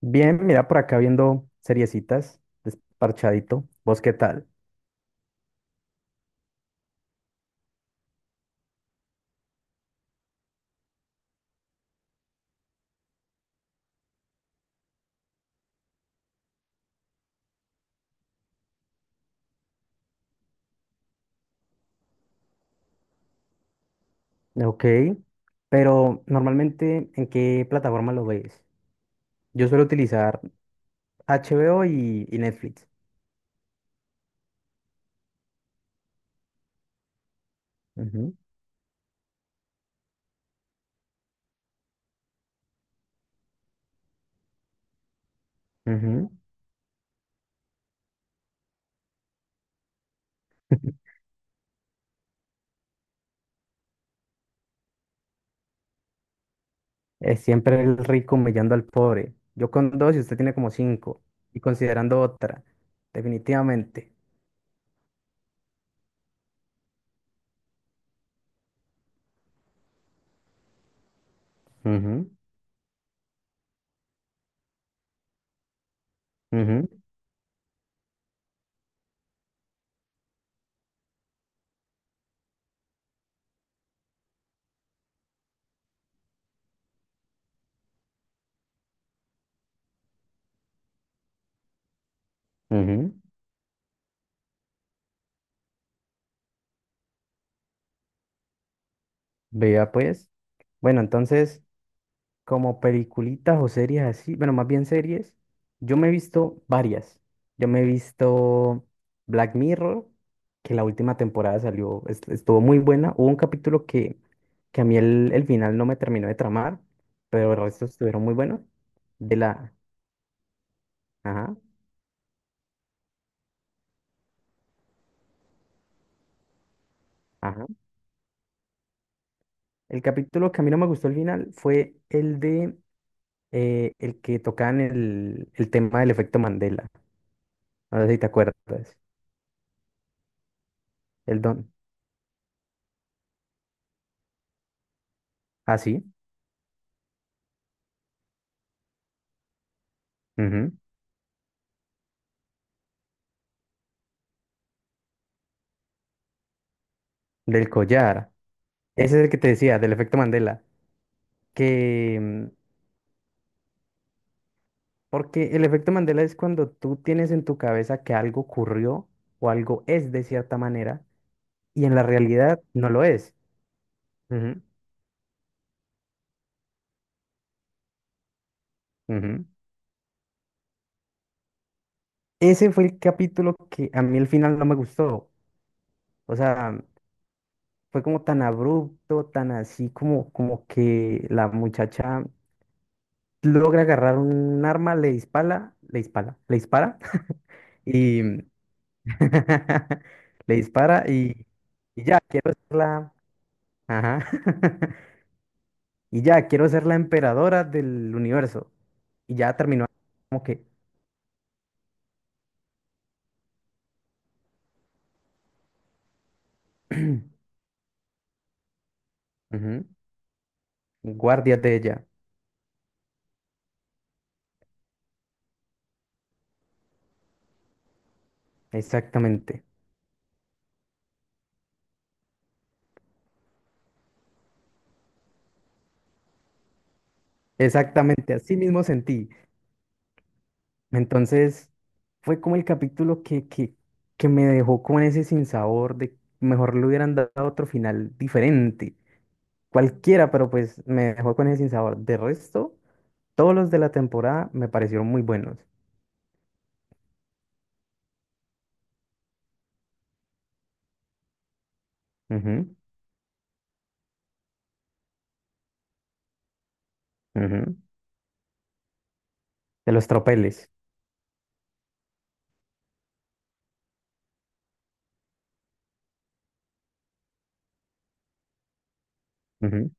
Bien, mira, por acá viendo seriecitas, desparchadito. ¿Vos qué tal? Ok, pero normalmente, ¿en qué plataforma lo ves? Yo suelo utilizar HBO y Netflix. Ujú, ujú. Es siempre el rico humillando al pobre. Yo con dos y usted tiene como cinco. Y considerando otra, definitivamente. Ujú, ujú, ujú. Vea pues. Bueno, entonces, como peliculitas o series así, bueno, más bien series, yo me he visto varias. Yo me he visto Black Mirror, que la última temporada salió, estuvo muy buena. Hubo un capítulo que a mí el final no me terminó de tramar, pero el resto estuvieron muy buenos. De la... Ajá, ajá. El capítulo que a mí no me gustó el final fue el de... el que tocaban el tema del efecto Mandela. No sé si te acuerdas. El don. Ah, sí. Ujú. Del collar. Ese es el que te decía, del efecto Mandela, que mm, porque el efecto Mandela es cuando tú tienes en tu cabeza que algo ocurrió o algo es de cierta manera y en la realidad no lo es. Ujú, ujú. Ese fue el capítulo que a mí al final no me gustó. O sea, fue como tan abrupto, tan así como, como que la muchacha logra agarrar un arma, le dispara, le dispara, le dispara. y mm, Le dispara y ya, quiero ser la... Ajá. Y ya, quiero ser la emperadora del universo. Y ya terminó como que... Ujú. Guardias de ella. Exactamente. Exactamente. Así mismo sentí. Entonces, fue como el capítulo que me dejó con ese sinsabor de mejor le hubieran dado otro final diferente. Cualquiera, pero pues me dejó con ese sinsabor. De resto... Todos los de la temporada me parecieron muy buenos. Ujú, ujú. De los tropeles. Ujú.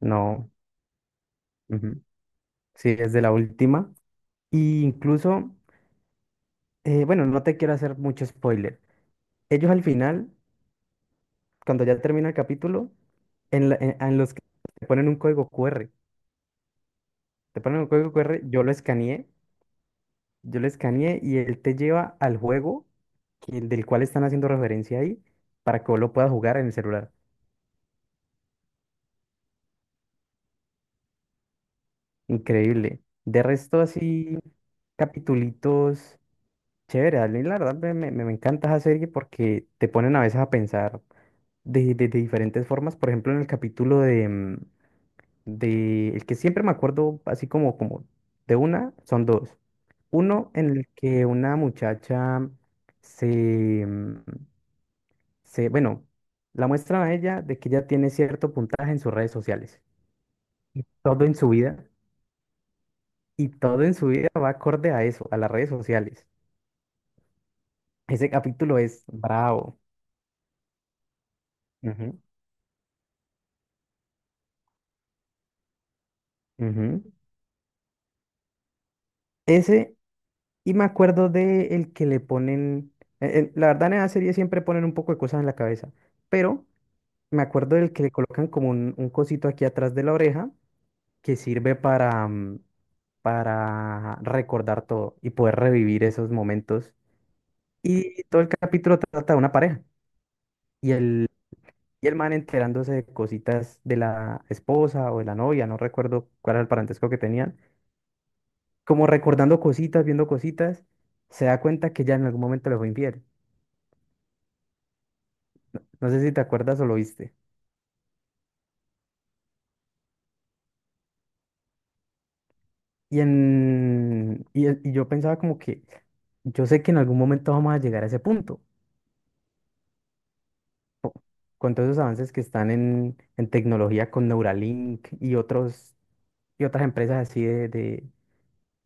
No. Ujú. Sí, es de la última. Y incluso, bueno, no te quiero hacer mucho spoiler. Ellos al final, cuando ya termina el capítulo, en los que te ponen un código QR. Te ponen un código QR, yo lo escaneé y él te lleva al juego del cual están haciendo referencia ahí para que vos lo puedas jugar en el celular. Increíble. De resto, así, capitulitos chéveres. A mí, la verdad, me encanta esa serie porque te ponen a veces a pensar de diferentes formas. Por ejemplo, en el capítulo de... El que siempre me acuerdo, así como, como de una, son dos. Uno en el que una muchacha se, mm, bueno, la muestran a ella de que ella tiene cierto puntaje en sus redes sociales. Y todo en su vida Y todo en su vida va acorde a eso, a las redes sociales. Ese capítulo es bravo. Ujú, ujú. Ese, y me acuerdo de el que le ponen, la verdad en la serie siempre ponen un poco de cosas en la cabeza, pero me acuerdo del que le colocan como un cosito aquí atrás de la oreja que sirve para, para recordar todo y poder revivir esos momentos. Y todo el capítulo trata de una pareja. y el Y el man enterándose de cositas de la esposa o de la novia, no recuerdo cuál era el parentesco que tenían, como recordando cositas, viendo cositas, se da cuenta que ya en algún momento le fue infiel. No sé si te acuerdas o lo viste. Y yo pensaba como que yo sé que en algún momento vamos a llegar a ese punto, con todos esos avances que están en tecnología con Neuralink y otros, y otras empresas así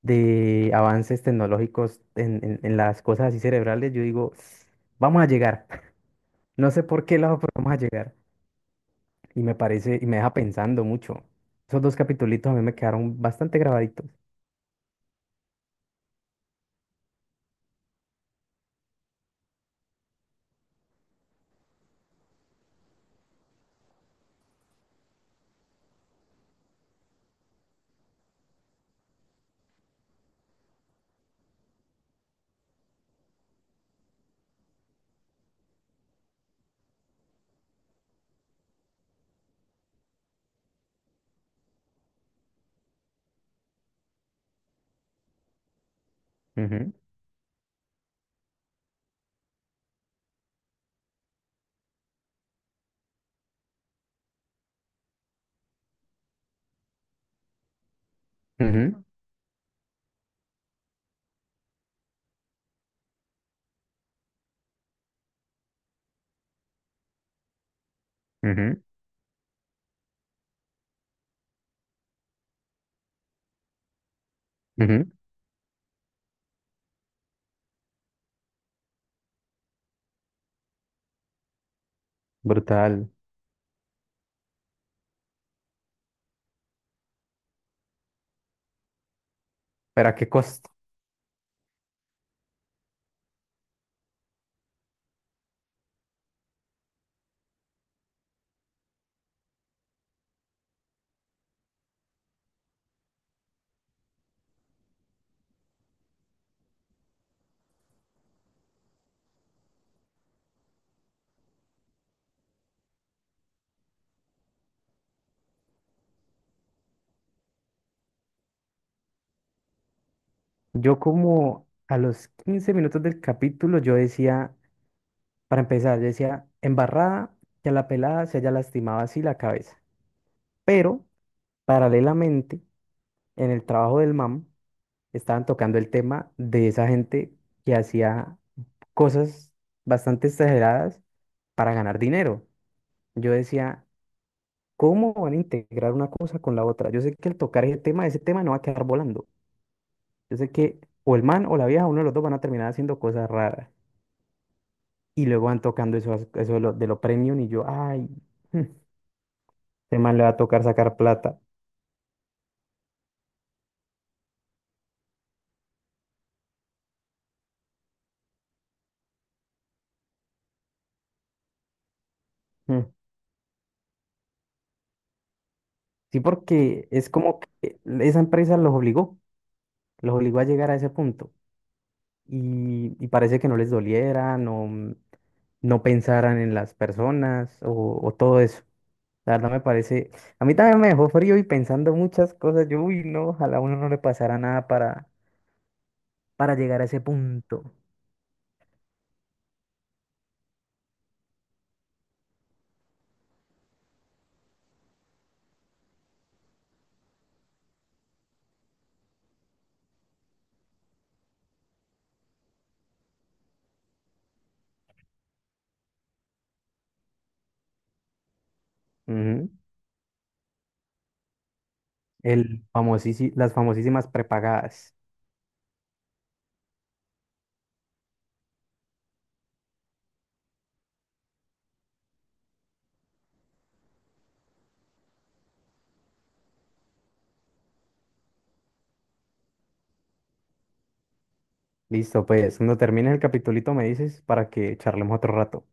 de avances tecnológicos en las cosas así cerebrales, yo digo, vamos a llegar. No sé por qué lado, pero vamos a llegar. Y me parece, y me deja pensando mucho. Esos dos capitulitos a mí me quedaron bastante grabaditos. Ujú, ujú, ujú, ujú. Brutal. ¿Pero a qué costo? Yo como a los 15 minutos del capítulo, yo decía, para empezar, yo decía, embarrada, que a la pelada se haya lastimado así la cabeza. Pero, paralelamente, en el trabajo del mam, estaban tocando el tema de esa gente que hacía cosas bastante exageradas para ganar dinero. Yo decía, ¿cómo van a integrar una cosa con la otra? Yo sé que al tocar ese tema no va a quedar volando. Yo sé que o el man o la vieja, uno de los dos van a terminar haciendo cosas raras. Y luego van tocando eso, eso de de lo premium y yo, ay, mm, ese man le va a tocar sacar plata. Mm. Sí, porque es como que esa empresa los obligó a llegar a ese punto. Y parece que no les doliera, no pensaran en las personas o todo eso. La verdad me parece, a mí también me dejó frío y pensando muchas cosas. Yo, uy, no, ojalá a uno no le pasara nada para, para llegar a ese punto. Ujú. Las famosísimas prepagadas. Listo, pues, cuando termine el capitulito me dices para que charlemos otro rato.